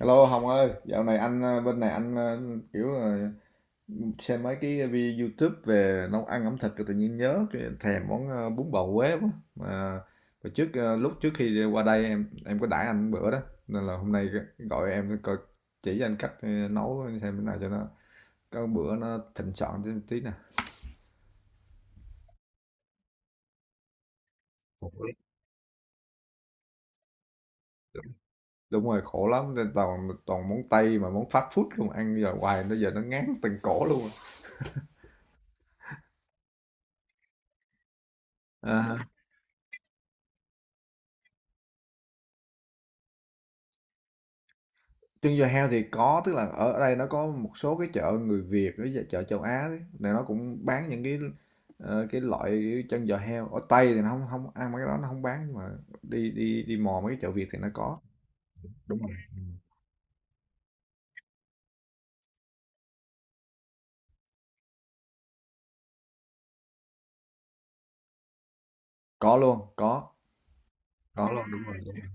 Hello Hồng ơi, dạo này anh, bên này anh, kiểu là xem mấy cái video YouTube về nấu ăn ẩm thực rồi tự nhiên nhớ cái thèm món bún bò Huế quá. Mà hồi trước, lúc trước khi qua đây em có đãi anh bữa đó nên là hôm nay gọi em coi chỉ cho anh cách nấu xem thế nào cho nó có bữa nó thịnh soạn tí, tí nè. Khổ lắm. Đúng rồi, khổ lắm nên toàn toàn món Tây mà món fast food không ăn giờ hoài nó giờ nó ngán từng cổ luôn. À, Trưng giò heo thì có, tức là ở đây nó có một số cái chợ người Việt với chợ châu Á đấy, là nó cũng bán những cái loại chân giò heo. Ở Tây thì nó không không ăn mấy cái đó nó không bán nhưng mà đi đi đi mò mấy cái chợ Việt thì nó có. Đúng rồi. Có luôn, có luôn, đúng rồi, đúng rồi.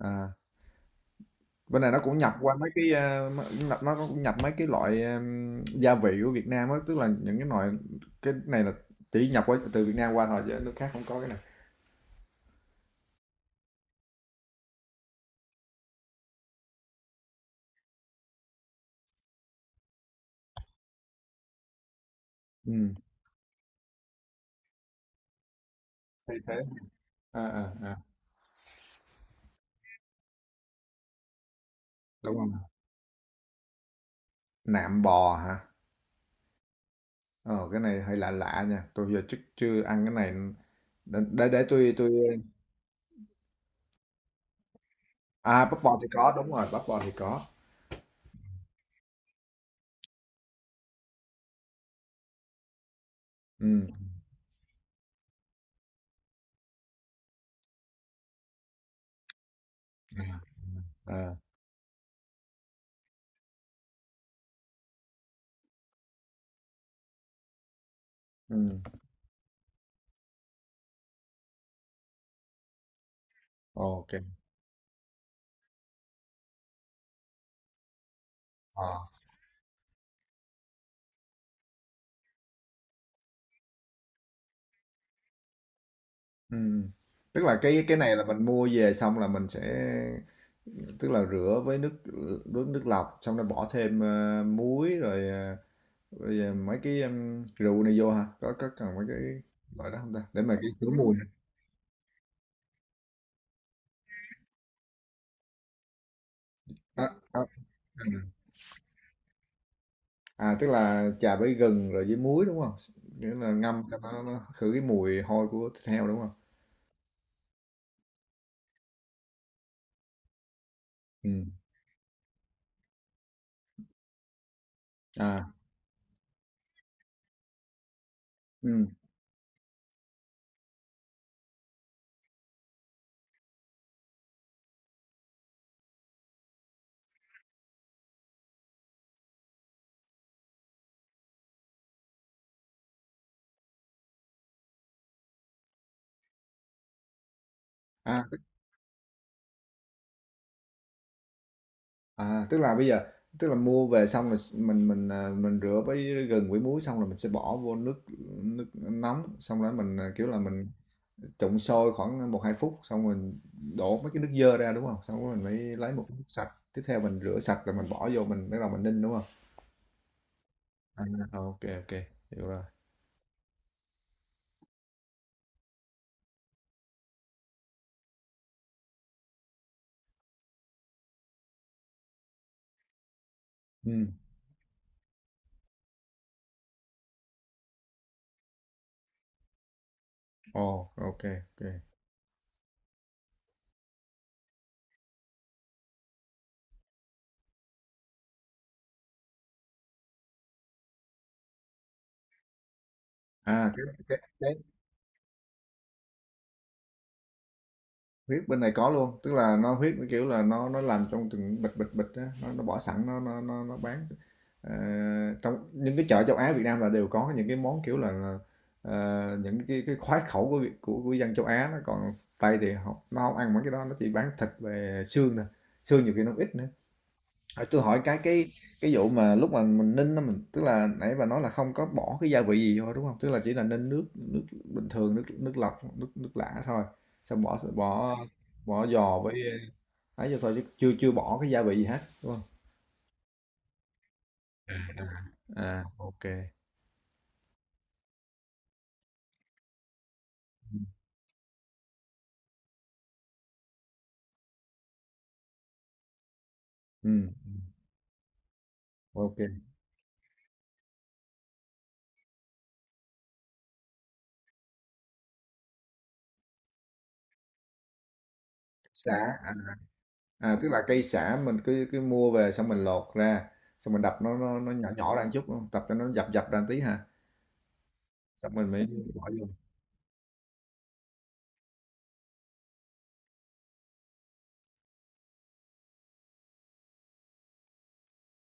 À, bên này nó cũng nhập qua mấy nó cũng nhập mấy cái loại gia vị của Việt Nam á, tức là những cái loại cái này là chỉ nhập qua từ Việt Nam qua thôi chứ nước khác không có cái này. Ừ. Thay thế. À, à, à. Đúng không? Nạm bò hả? Ờ, cái này hơi lạ lạ nha, tôi giờ trước chưa ăn cái này, để tôi. À, bắp bò thì có, đúng rồi, bắp bò thì có. Ừm, à, à, ok. Ờ. Ừm. Tức là cái này là mình mua về xong là mình sẽ tức là rửa với nước nước nước lọc xong rồi bỏ thêm muối rồi, mấy cái rượu này vô hả? Có cần mấy cái loại đó không ta? Để mà cái khử mùi. À, à, tức là chà với gừng rồi với muối, đúng không? Nghĩa là ngâm cho nó khử cái mùi hôi của thịt heo, đúng không? Ừm, à, ừm, à, tức tức là bây giờ tức là mua về xong rồi s mình, à, mình rửa với gừng với muối xong rồi mình sẽ bỏ vô nước nước nóng, xong rồi mình, kiểu là, mình trụng sôi khoảng một hai phút, xong mình đổ mấy cái nước dơ ra, đúng không? Xong rồi mình mới lấy một cái nước sạch, tiếp theo mình rửa sạch rồi mình bỏ vô mình bắt đầu mình ninh, đúng không? À, ok kê, hiểu rồi. Ừm. Ồ, ok, ok. À, cái huyết bên này có luôn, tức là nó huyết kiểu là nó làm trong từng bịch bịch bịch á, nó bỏ sẵn nó bán. Ờ, trong những cái chợ châu Á Việt Nam là đều có những cái món kiểu là, ờ, những cái khoái khẩu của của dân châu Á nó còn Tây thì họ nó không ăn mấy cái đó nó chỉ bán thịt về xương nè, xương nhiều khi nó ít nữa. À, tôi hỏi cái vụ mà lúc mà mình ninh á mình tức là nãy bà nói là không có bỏ cái gia vị gì vô đúng không? Tức là chỉ là ninh nước nước bình thường nước nước lọc nước nước lã thôi. Xong bỏ bỏ bỏ giò với ấy vô thôi chứ chưa chưa bỏ cái gia vị gì hết đúng không? À, ok. Ừ, ok. Sả, à, tức là cây sả mình cứ cứ mua về xong mình lột ra xong mình đập nó nhỏ nhỏ ra một chút đúng không? Tập cho nó dập dập ra một tí ha. Xong mình mới bỏ vô.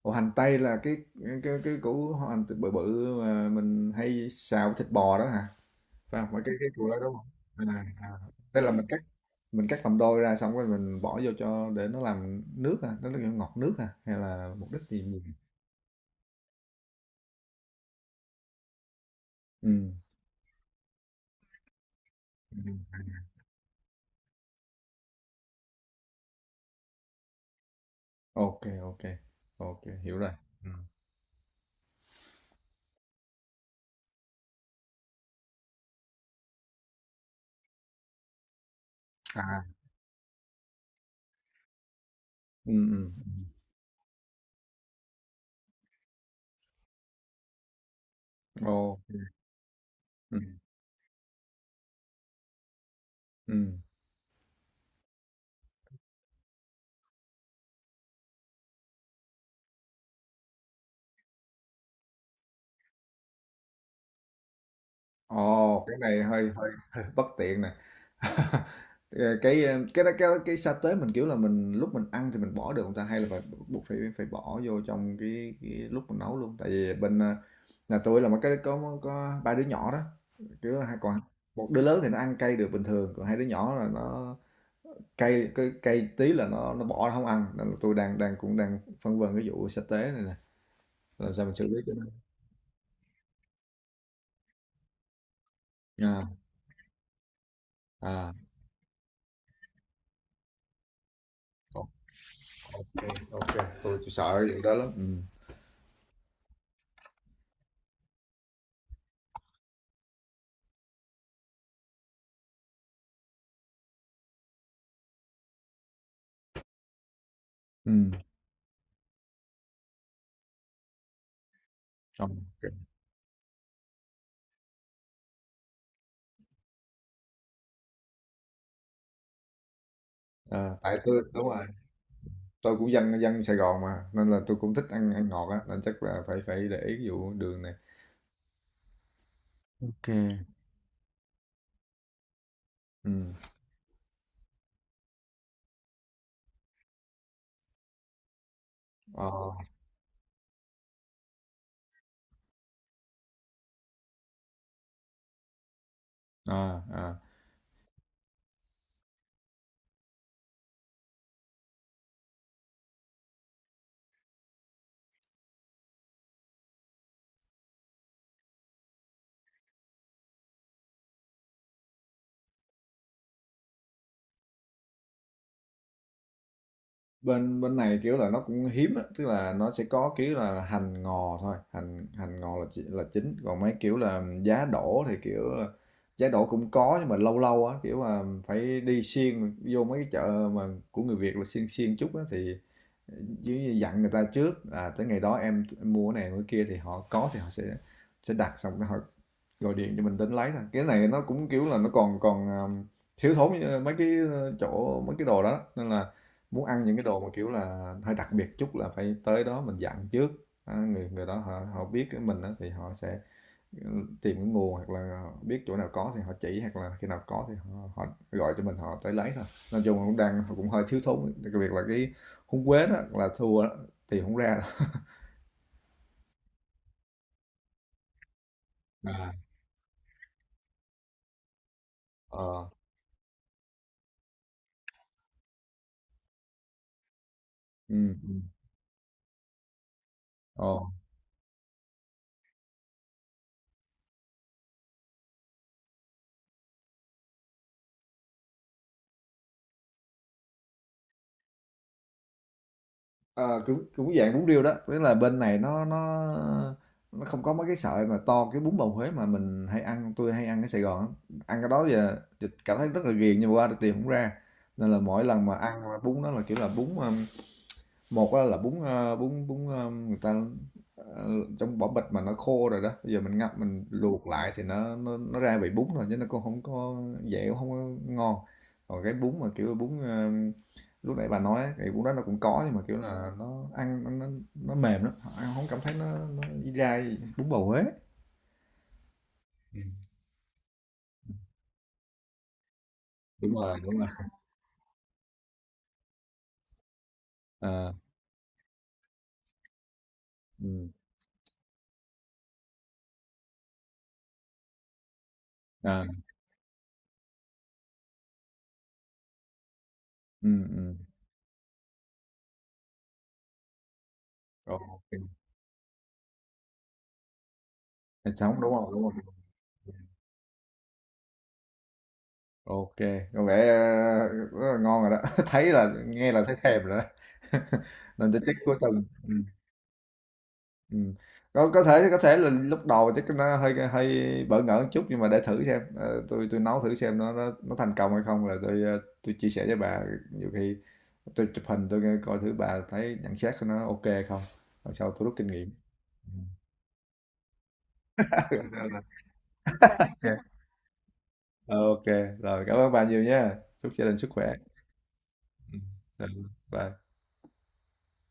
Ủa, hành tây là cái củ hành bự bự mà mình hay xào với thịt bò đó hả? Phải không? Phải cái củ đó đúng không? À, à. Tức là mình cắt làm đôi ra xong rồi mình bỏ vô cho để nó làm nước à, nó là ngọt nước à hay là mục đích gì nhỉ? Ừ. Ừ. Ok, ok. Ok, hiểu rồi. Ừ. À. Ừ, ừ. Ồ. Ừ. Ừ. Ồ, cái này hơi hơi hơi bất tiện nè. Cái sa tế mình kiểu là mình lúc mình ăn thì mình bỏ được không ta hay là phải buộc phải phải bỏ vô trong cái lúc mình nấu luôn tại vì bên nhà tôi là một cái có ba đứa nhỏ đó chứ hai còn một đứa lớn thì nó ăn cay được bình thường còn hai đứa nhỏ là nó cay cái cay tí là nó bỏ nó không ăn nên là tôi đang đang cũng đang phân vân cái vụ sa tế này nè làm sao mình xử lý cho nó. À, à, ok, ok, tôi sợ cái vụ đó lắm. Ừ, ừ, ok. À, tại tôi đúng rồi tôi cũng dân dân Sài Gòn mà nên là tôi cũng thích ăn ăn ngọt á nên chắc là phải phải để ý cái vụ đường này. Ok. Ừ. Ờ, à, à. Bên bên này kiểu là nó cũng hiếm á tức là nó sẽ có kiểu là hành ngò thôi, hành hành ngò là là chính còn mấy kiểu là giá đỗ thì kiểu là giá đỗ cũng có nhưng mà lâu lâu á kiểu là phải đi xuyên vô mấy cái chợ mà của người Việt là xuyên xuyên chút á thì chứ dặn người ta trước à, tới ngày đó em mua cái này mua cái kia thì họ có thì họ sẽ đặt xong rồi họ gọi điện cho mình đến lấy thôi, cái này nó cũng kiểu là nó còn còn thiếu thốn như mấy cái chỗ mấy cái đồ đó nên là muốn ăn những cái đồ mà kiểu là hơi đặc biệt chút là phải tới đó mình dặn trước, à, người người đó họ họ biết cái mình á thì họ sẽ tìm cái nguồn hoặc là biết chỗ nào có thì họ chỉ hoặc là khi nào có thì họ họ gọi cho mình họ tới lấy thôi. Nói chung là cũng đang cũng hơi thiếu thốn, đặc biệt là cái húng quế đó là thua đó, tìm hổng ra đâu. À. Ờ, ừm, ừm, ờ, ờ, cũng cũng dạng bún riêu đó, tức là bên này nó không có mấy cái sợi mà to cái bún bầu Huế mà mình hay ăn, tôi hay ăn ở Sài Gòn á. Ăn cái đó giờ thì cảm thấy rất là ghiền nhưng mà qua thì tìm không ra, nên là mỗi lần mà ăn bún đó là, kiểu là, bún, một á là bún, bún, người ta, ờ, trong vỏ bịch mà nó khô rồi đó, bây giờ mình ngập mình luộc lại thì nó ra vị bún rồi, chứ nó cũng không có dẻo không có ngon. Còn cái bún mà, kiểu, bún, lúc nãy bà nói á, thì bún đó nó cũng có nhưng mà, kiểu là, nó ăn nó mềm lắm, ăn không cảm thấy nó dai, bún bầu Huế. Đúng rồi, đúng rồi. À, ừm, à, ừm, ừm, ô kê. Thịt sống, đúng hông? Đúng hông? Ok, có vẻ rất là ngon rồi đó. Thấy là nghe là thấy thèm rồi đó. Nên tôi check cuối tuần. Ừ. Ừ. Có thể là lúc đầu chắc nó hơi hơi bỡ ngỡ một chút nhưng mà để thử xem. Ờ, tôi nấu thử xem nó thành công hay không là tôi chia sẻ với bà, nhiều khi tôi chụp hình tôi coi thử bà thấy nhận xét của nó ok hay không. Rồi sau tôi rút kinh nghiệm. Ok. Ờ, ok, rồi cảm ơn bà nhiều nha. Chúc gia đình sức khỏe. Ừ. Rồi, bye.